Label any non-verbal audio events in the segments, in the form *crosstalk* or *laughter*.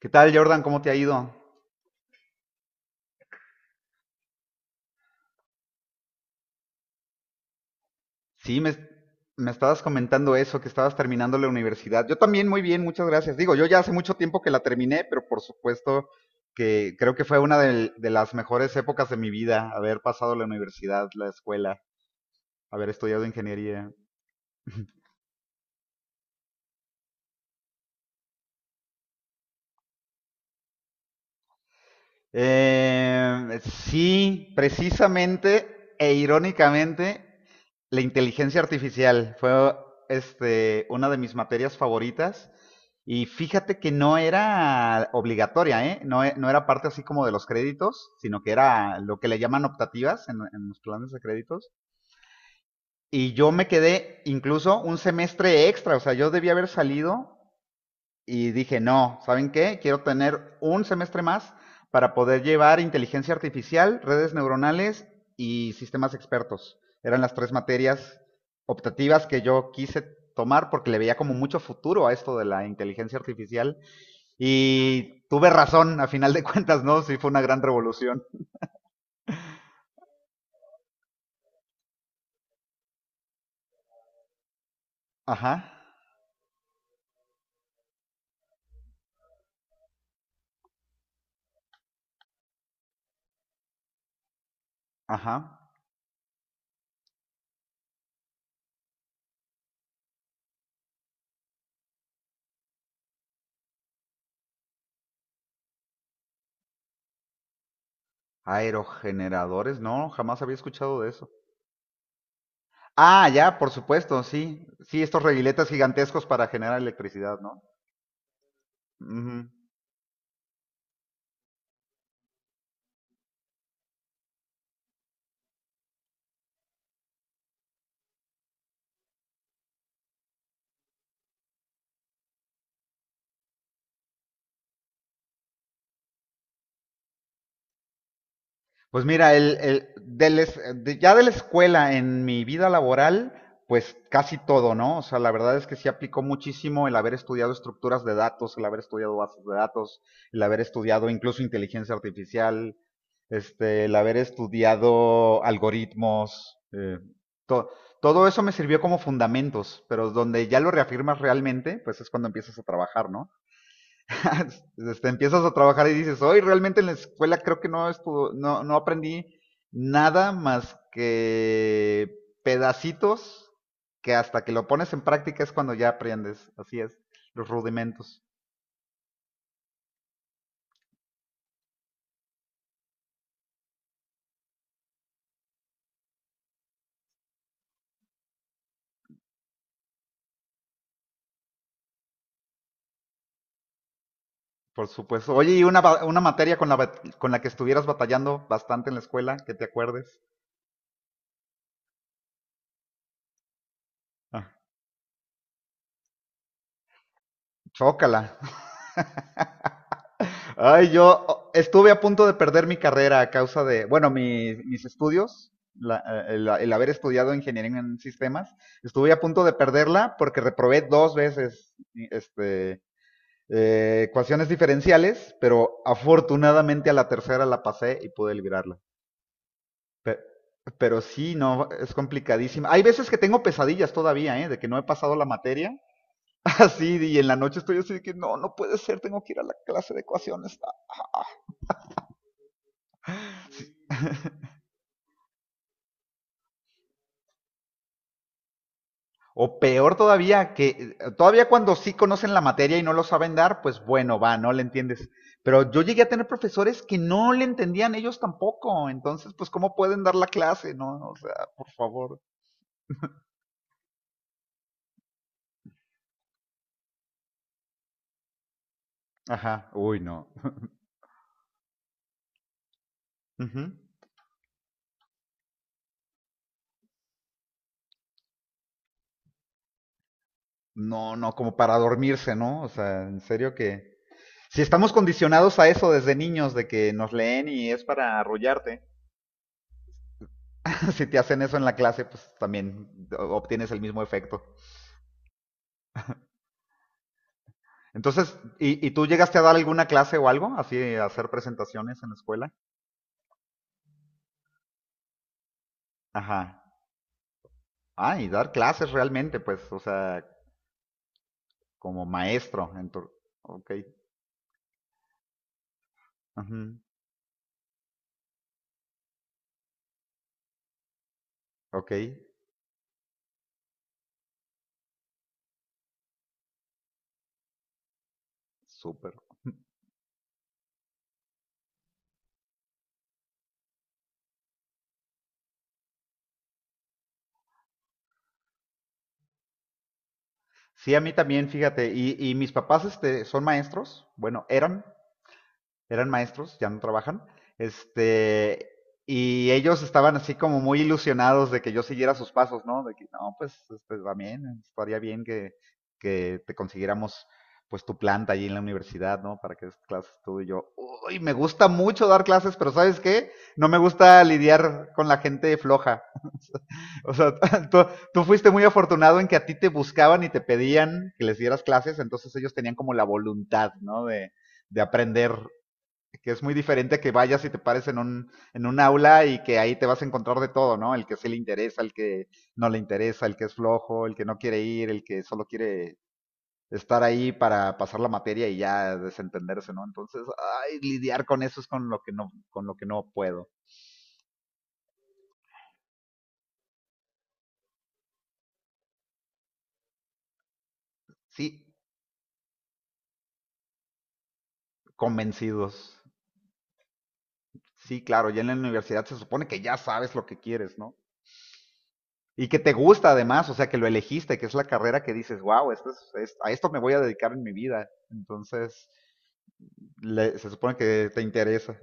¿Qué tal, Jordan? ¿Cómo te ha ido? Sí, me, me estabas comentando eso, que estabas terminando la universidad. Yo también muy bien, muchas gracias. Digo, yo ya hace mucho tiempo que la terminé, pero por supuesto que creo que fue de las mejores épocas de mi vida, haber pasado la universidad, la escuela, haber estudiado ingeniería. Sí, precisamente e irónicamente, la inteligencia artificial fue una de mis materias favoritas. Y fíjate que no era obligatoria, ¿eh? No, no era parte así como de los créditos, sino que era lo que le llaman optativas en los planes de créditos. Y yo me quedé incluso un semestre extra, o sea, yo debía haber salido y dije, no, ¿saben qué? Quiero tener un semestre más para poder llevar inteligencia artificial, redes neuronales y sistemas expertos. Eran las tres materias optativas que yo quise tomar porque le veía como mucho futuro a esto de la inteligencia artificial. Y tuve razón, a final de cuentas, ¿no? Sí, fue una gran revolución. Ajá, ajá. Aerogeneradores, no, jamás había escuchado de eso. Ah, ya, por supuesto, sí. Sí, estos reguiletes gigantescos para generar electricidad, ¿no? Ujú. Pues mira, el- de la es- de- ya de la escuela en mi vida laboral, pues casi todo, ¿no? O sea, la verdad es que sí aplicó muchísimo el haber estudiado estructuras de datos, el haber estudiado bases de datos, el haber estudiado incluso inteligencia artificial, el haber estudiado algoritmos, to- todo eso me sirvió como fundamentos, pero donde ya lo reafirmas realmente, pues es cuando empiezas a trabajar, ¿no? *laughs* Empiezas a trabajar y dices, hoy realmente en la escuela creo que no, estuvo, no, no aprendí nada más que pedacitos que hasta que lo pones en práctica es cuando ya aprendes. Así es, los rudimentos, por supuesto. Oye, ¿y una materia con con la que estuvieras batallando bastante en la escuela, que te acuerdes? Ah, Chócala. Ay, estuve a punto de perder mi carrera a causa de, bueno, mis estudios, el haber estudiado ingeniería en sistemas, estuve a punto de perderla porque reprobé dos veces este, ecuaciones diferenciales, pero afortunadamente a la tercera la pasé y pude librarla. Pe- Pero, sí, no, es complicadísima. Hay veces que tengo pesadillas todavía, ¿eh? De que no he pasado la materia. *laughs* Así, y en la noche estoy así de que no, no puede ser, tengo que ir a la clase de ecuaciones. O peor todavía, que todavía cuando sí conocen la materia y no lo saben dar, pues bueno, va, no le entiendes. Pero yo llegué a tener profesores que no le entendían ellos tampoco. Entonces, pues, ¿cómo pueden dar la clase? No, o sea, por favor. Ajá, uy, no. Ujú. No, no, como para dormirse, ¿no? O sea, en serio que... Si estamos condicionados a eso desde niños, de que nos leen y es para arrullarte, *laughs* si te hacen eso en la clase, pues también obtienes el mismo efecto. Entonces, y tú llegaste a dar alguna clase o algo? Así, a hacer presentaciones en la escuela. Ajá. Ah, y dar clases realmente, pues, o sea, como maestro. En tu... Ok. Ujú. Ok, súper. Sí, a mí también, fíjate. Y mis papás son maestros? Bueno, eran. Eran maestros, ya no trabajan, este, y ellos estaban así como muy ilusionados de que yo siguiera sus pasos, ¿no? De que, no, pues, también, estaría bien que te consiguiéramos pues tu planta allí en la universidad, ¿no? Para que des clases tú y yo. Uy, me gusta mucho dar clases, pero ¿sabes qué? No me gusta lidiar con la gente floja. *laughs* O sea, tú, tú fuiste muy afortunado en que a ti te buscaban y te pedían que les dieras clases, entonces ellos tenían como la voluntad, ¿no? De aprender, que es muy diferente a que vayas y te pares en en un aula y que ahí te vas a encontrar de todo, ¿no? El que sí le interesa, el que no le interesa, el que es flojo, el que no quiere ir, el que solo quiere estar ahí para pasar la materia y ya desentenderse, ¿no? Entonces, ay, lidiar con eso es con lo que no, con lo que no puedo. Sí, convencidos. Sí, claro, ya en la universidad se supone que ya sabes lo que quieres, ¿no? Y que te gusta además, o sea, que lo elegiste, que es la carrera que dices, wow, a esto me voy a dedicar en mi vida. Entonces, se supone que te interesa.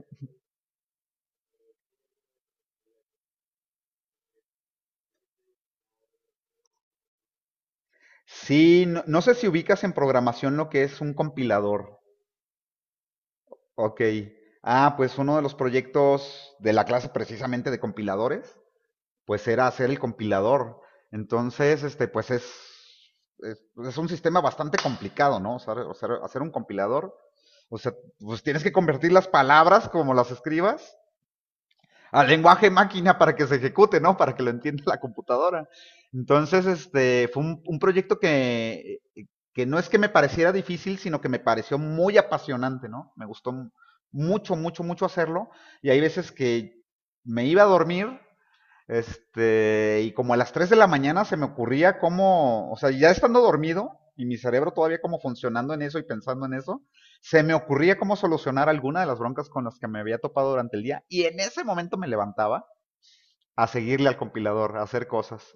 Sí, no, no sé si ubicas en programación lo que es un compilador. Ok. Ah, pues uno de los proyectos de la clase precisamente de compiladores, pues era hacer el compilador. Entonces, pues es un sistema bastante complicado, ¿no? O sea, hacer un compilador, o sea, pues tienes que convertir las palabras como las escribas al lenguaje máquina para que se ejecute, ¿no? Para que lo entienda la computadora. Entonces, fue un proyecto que no es que me pareciera difícil, sino que me pareció muy apasionante, ¿no? Me gustó mucho, mucho, mucho hacerlo. Y hay veces que me iba a dormir, y como a las 3 de la mañana se me ocurría cómo, o sea, ya estando dormido y mi cerebro todavía como funcionando en eso y pensando en eso, se me ocurría cómo solucionar alguna de las broncas con las que me había topado durante el día y en ese momento me levantaba a seguirle al compilador, a hacer cosas.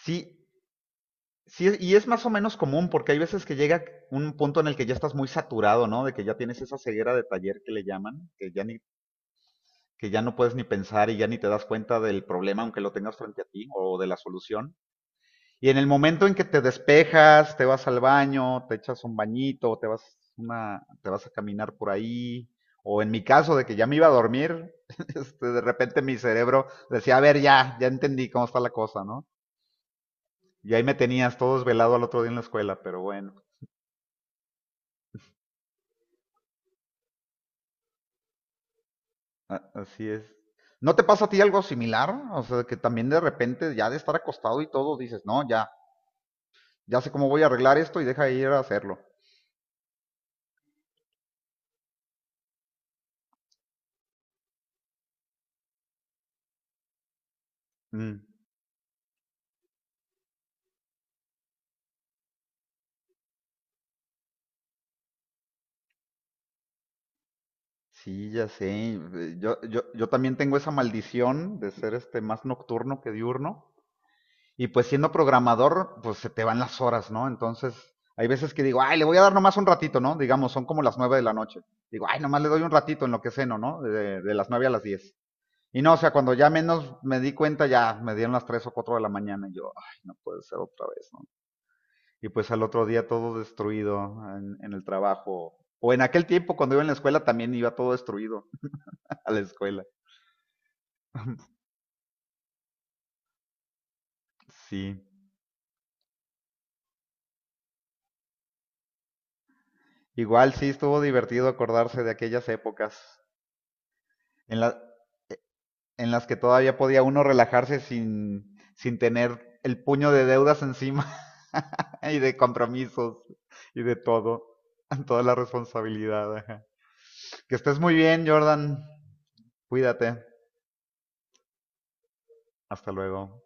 Sí, sí, y es más o menos común porque hay veces que llega un punto en el que ya estás muy saturado, ¿no? De que ya tienes esa ceguera de taller que le llaman, que ya no puedes ni pensar y ya ni te das cuenta del problema aunque lo tengas frente a ti o de la solución. Y en el momento en que te despejas, te vas al baño, te echas un bañito, te vas a caminar por ahí, o en mi caso de que ya me iba a dormir, *laughs* de repente mi cerebro decía, a ver, ya entendí cómo está la cosa, ¿no? Y ahí me tenías todo desvelado al otro día en la escuela, pero bueno, así es. ¿No te pasa a ti algo similar? O sea, que también de repente ya de estar acostado y todo dices, no, ya, ya sé cómo voy a arreglar esto y deja de ir a hacerlo. Mm. Sí, ya sé. Yo también tengo esa maldición de ser más nocturno que diurno. Y pues siendo programador, pues se te van las horas, ¿no? Entonces, hay veces que digo, ay, le voy a dar nomás un ratito, ¿no? Digamos, son como las 9 de la noche. Digo, ay, nomás le doy un ratito en lo que ceno, ¿no? De las 9 a las 10. Y no, o sea, cuando ya menos me di cuenta, ya me dieron las 3 o 4 de la mañana. Y yo, ay, no puede ser otra vez, ¿no? Y pues al otro día todo destruido en el trabajo. O en aquel tiempo, cuando iba en la escuela, también iba todo destruido *laughs* a la escuela. Sí, igual sí estuvo divertido acordarse de aquellas épocas en la- en las que todavía podía uno relajarse sin, sin tener el puño de deudas encima *laughs* y de compromisos y de todo, *laughs* toda la responsabilidad. Ajá. Que estés muy bien, Jordan. Cuídate. Hasta luego.